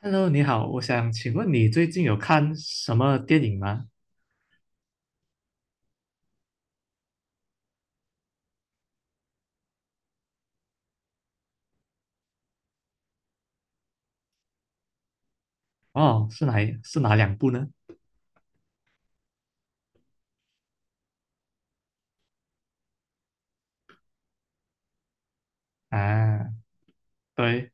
Hello，你好，我想请问你最近有看什么电影吗？哦，是哪一是哪两部呢？啊，对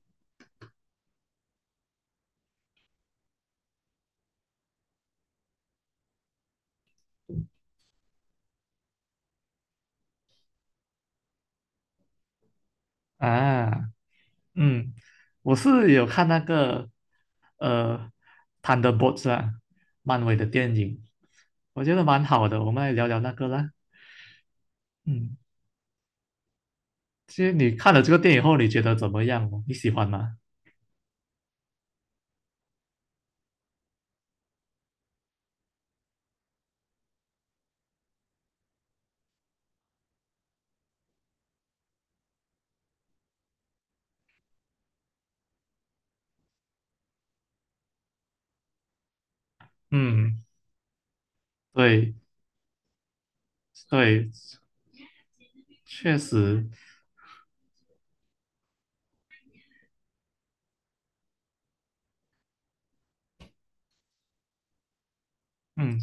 啊，嗯，我是有看那个呃《Thunderbolts》啊，漫威的电影，我觉得蛮好的，我们来聊聊那个啦。嗯，其实你看了这个电影后，你觉得怎么样哦你喜欢吗？嗯，对对，确实，嗯，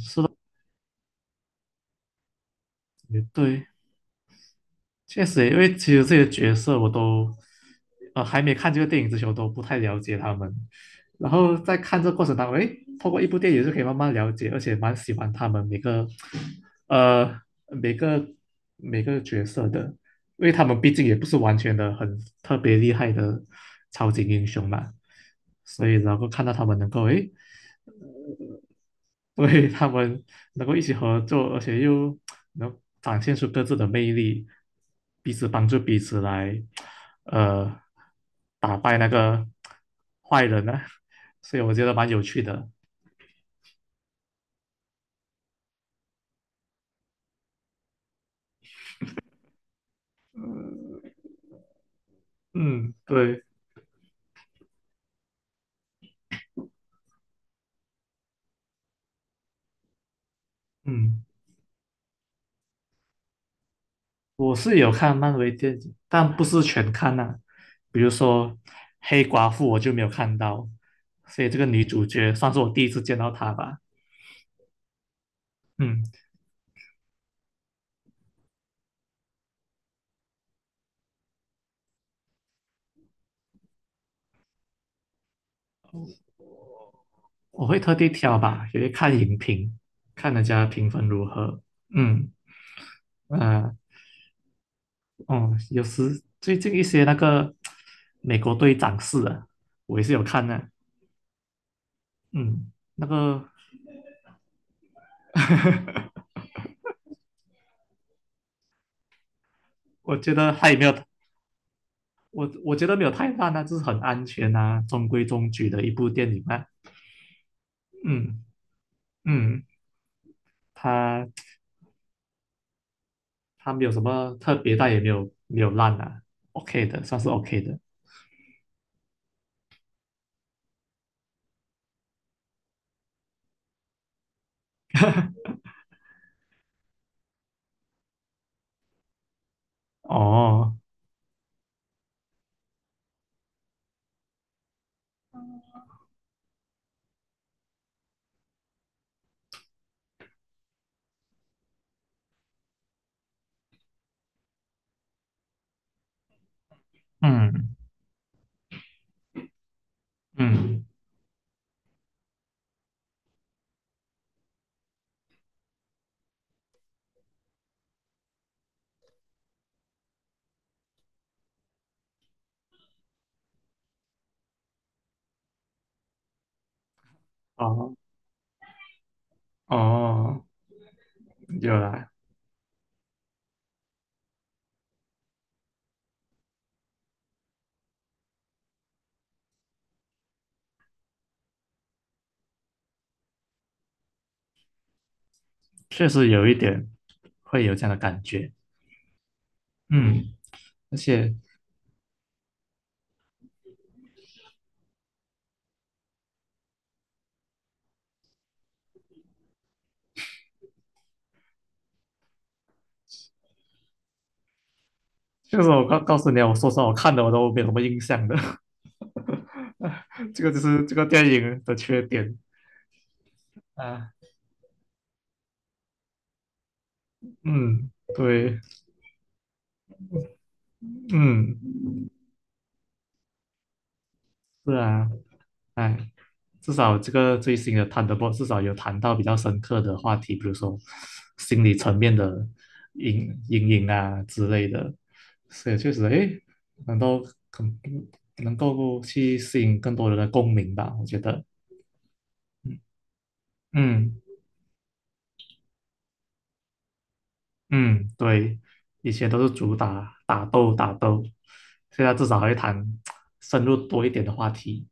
也对。确实，因为其实这些角色我都，呃，还没看这个电影之前，我都不太了解他们。然后在看这个过程当中，诶，透过一部电影就可以慢慢了解，而且蛮喜欢他们每个，呃，每个每个角色的，因为他们毕竟也不是完全的很特别厉害的超级英雄嘛，所以然后看到他们能够，诶。所以他们能够一起合作，而且又能展现出各自的魅力，彼此帮助彼此来，呃，打败那个坏人呢、所以我觉得蛮有趣的。嗯，对，嗯，我是有看漫威电影，但不是全看呐、比如说黑寡妇我就没有看到，所以这个女主角算是我第一次见到她吧。嗯。我会特地挑吧，也会看影评，看人家评分如何。嗯，呃，哦，有时最近一些那个 美国队长四啊，我也是有看的。嗯，那个 我觉得他也没有，我觉得没有太烂啊，就是很安全啊，中规中矩的一部电影啊。嗯嗯，他他没有什么特别，但也没有烂啊，OK 的，算是 OK 的。哦，嗯嗯，哦。哦，有啦，确实有一点会有这样的感觉。嗯，而且就是我告诉你啊，我说实话，我看的我都没有什么印象的。这个就是这个电影的缺点啊。嗯，对，嗯，是啊。哎，至少这个最新的 t h u 至少有谈到比较深刻的话题，比如说心理层面的阴影啊之类的，所以确实，哎，能够能能够去吸引更多人的共鸣吧，我觉得，嗯嗯，对，以前都是主打打斗打斗，现在至少还会谈 深入多一点的话题，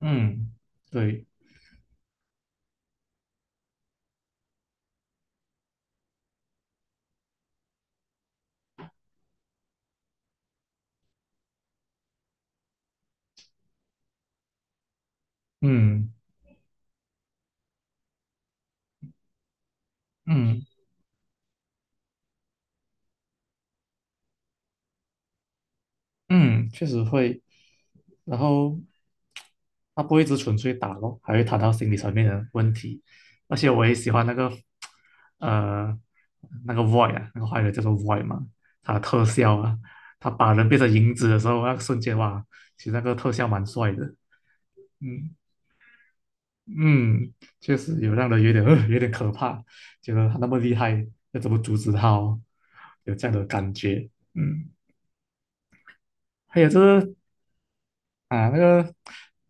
嗯，对，嗯嗯。嗯，确实会。然后他不会只纯粹打咯，还会谈到心理层面的问题。而且我也喜欢那个呃那个 void 啊，那个坏人叫做 void 嘛，他的特效啊，他把人变成影子的时候，那个瞬间哇，其实那个特效蛮帅的。嗯嗯，确实有让人有点、呃有点可怕，觉得他那么厉害，要怎么阻止他哦？有这样的感觉。嗯，还有就是啊，那个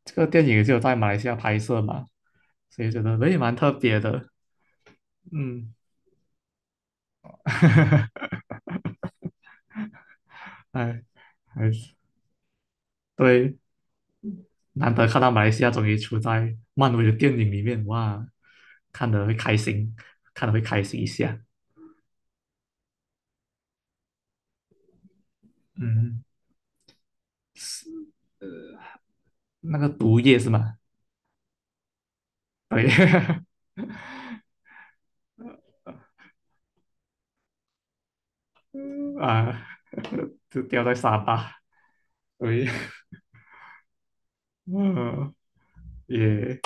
这个电影就有在马来西亚拍摄嘛，所以觉得诶蛮特别的，嗯，哎，还是对，难得看到马来西亚终于出在漫威的电影里面，哇，看的会开心，看的会开心一下，嗯，是那个毒液是吗？对啊，就掉在沙发，对，嗯，也，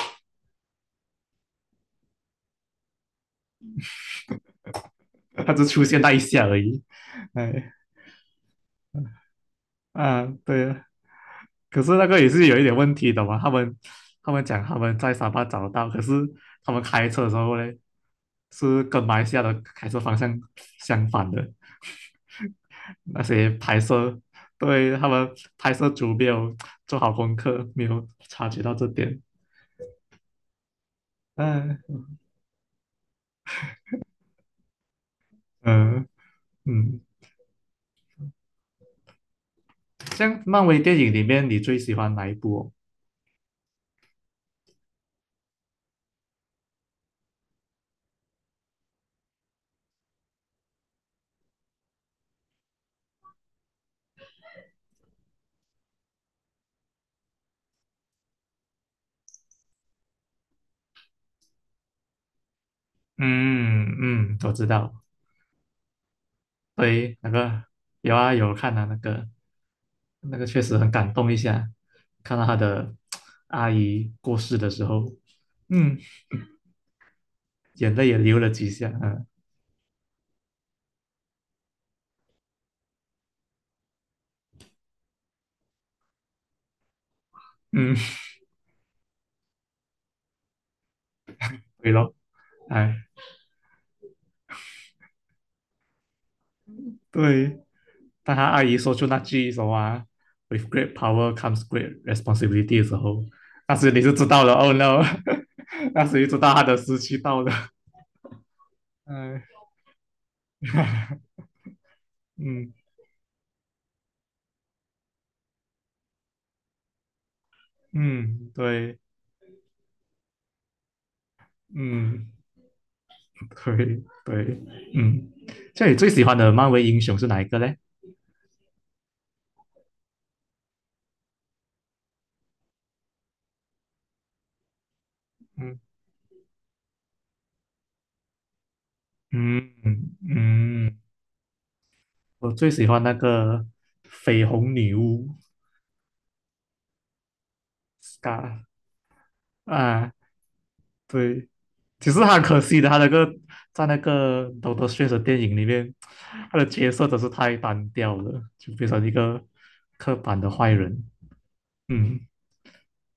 它只出现那一下而已，哎。啊，对啊，可是那个也是有一点问题的嘛。他们他们讲他们在沙巴找到，可是他们开车的时候呢，是跟马来西亚的开车方向相反的。那些拍摄，对，他们拍摄组没有做好功课，没有察觉到这点。嗯嗯嗯，像漫威电影里面，你最喜欢哪一部哦嗯嗯，我知道，对，那个有啊有看啊那个。那个确实很感动一下，看到他的 阿姨过世的时候，嗯，眼泪也流了几下，嗯嗯，对咯，哎，对，当他阿姨说出那句什么 w i t h great power comes great responsibility” 的时候，那时你就知道了，Oh no，那时你知道他的时期到了，哎，嗯嗯，对，嗯对对，嗯，这里最喜欢的漫威英雄是哪一个嘞？嗯。嗯嗯，我最喜欢那个绯红女巫 Scar 啊，对，其实很可惜的，他那个在那个《Doctor Strange》的电影里面，他的角色真是太单调了，就变成一个刻板的坏人，嗯，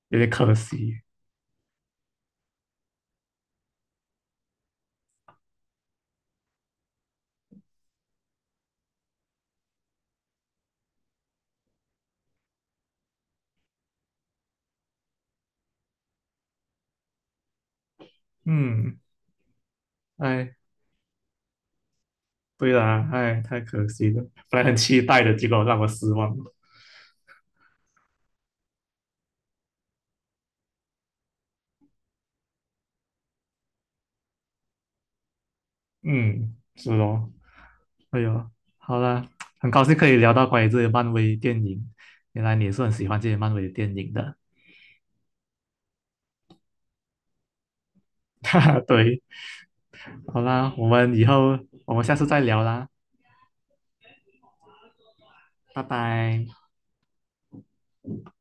有点可惜，嗯，哎，对啦，哎，太可惜了，本来很期待的，结果让我失望了，嗯，是咯。哎呦，好啦，很高兴可以聊到关于这些漫威电影，原来你也是很喜欢这些漫威电影的，对，好啦，我们下次再聊啦，拜拜。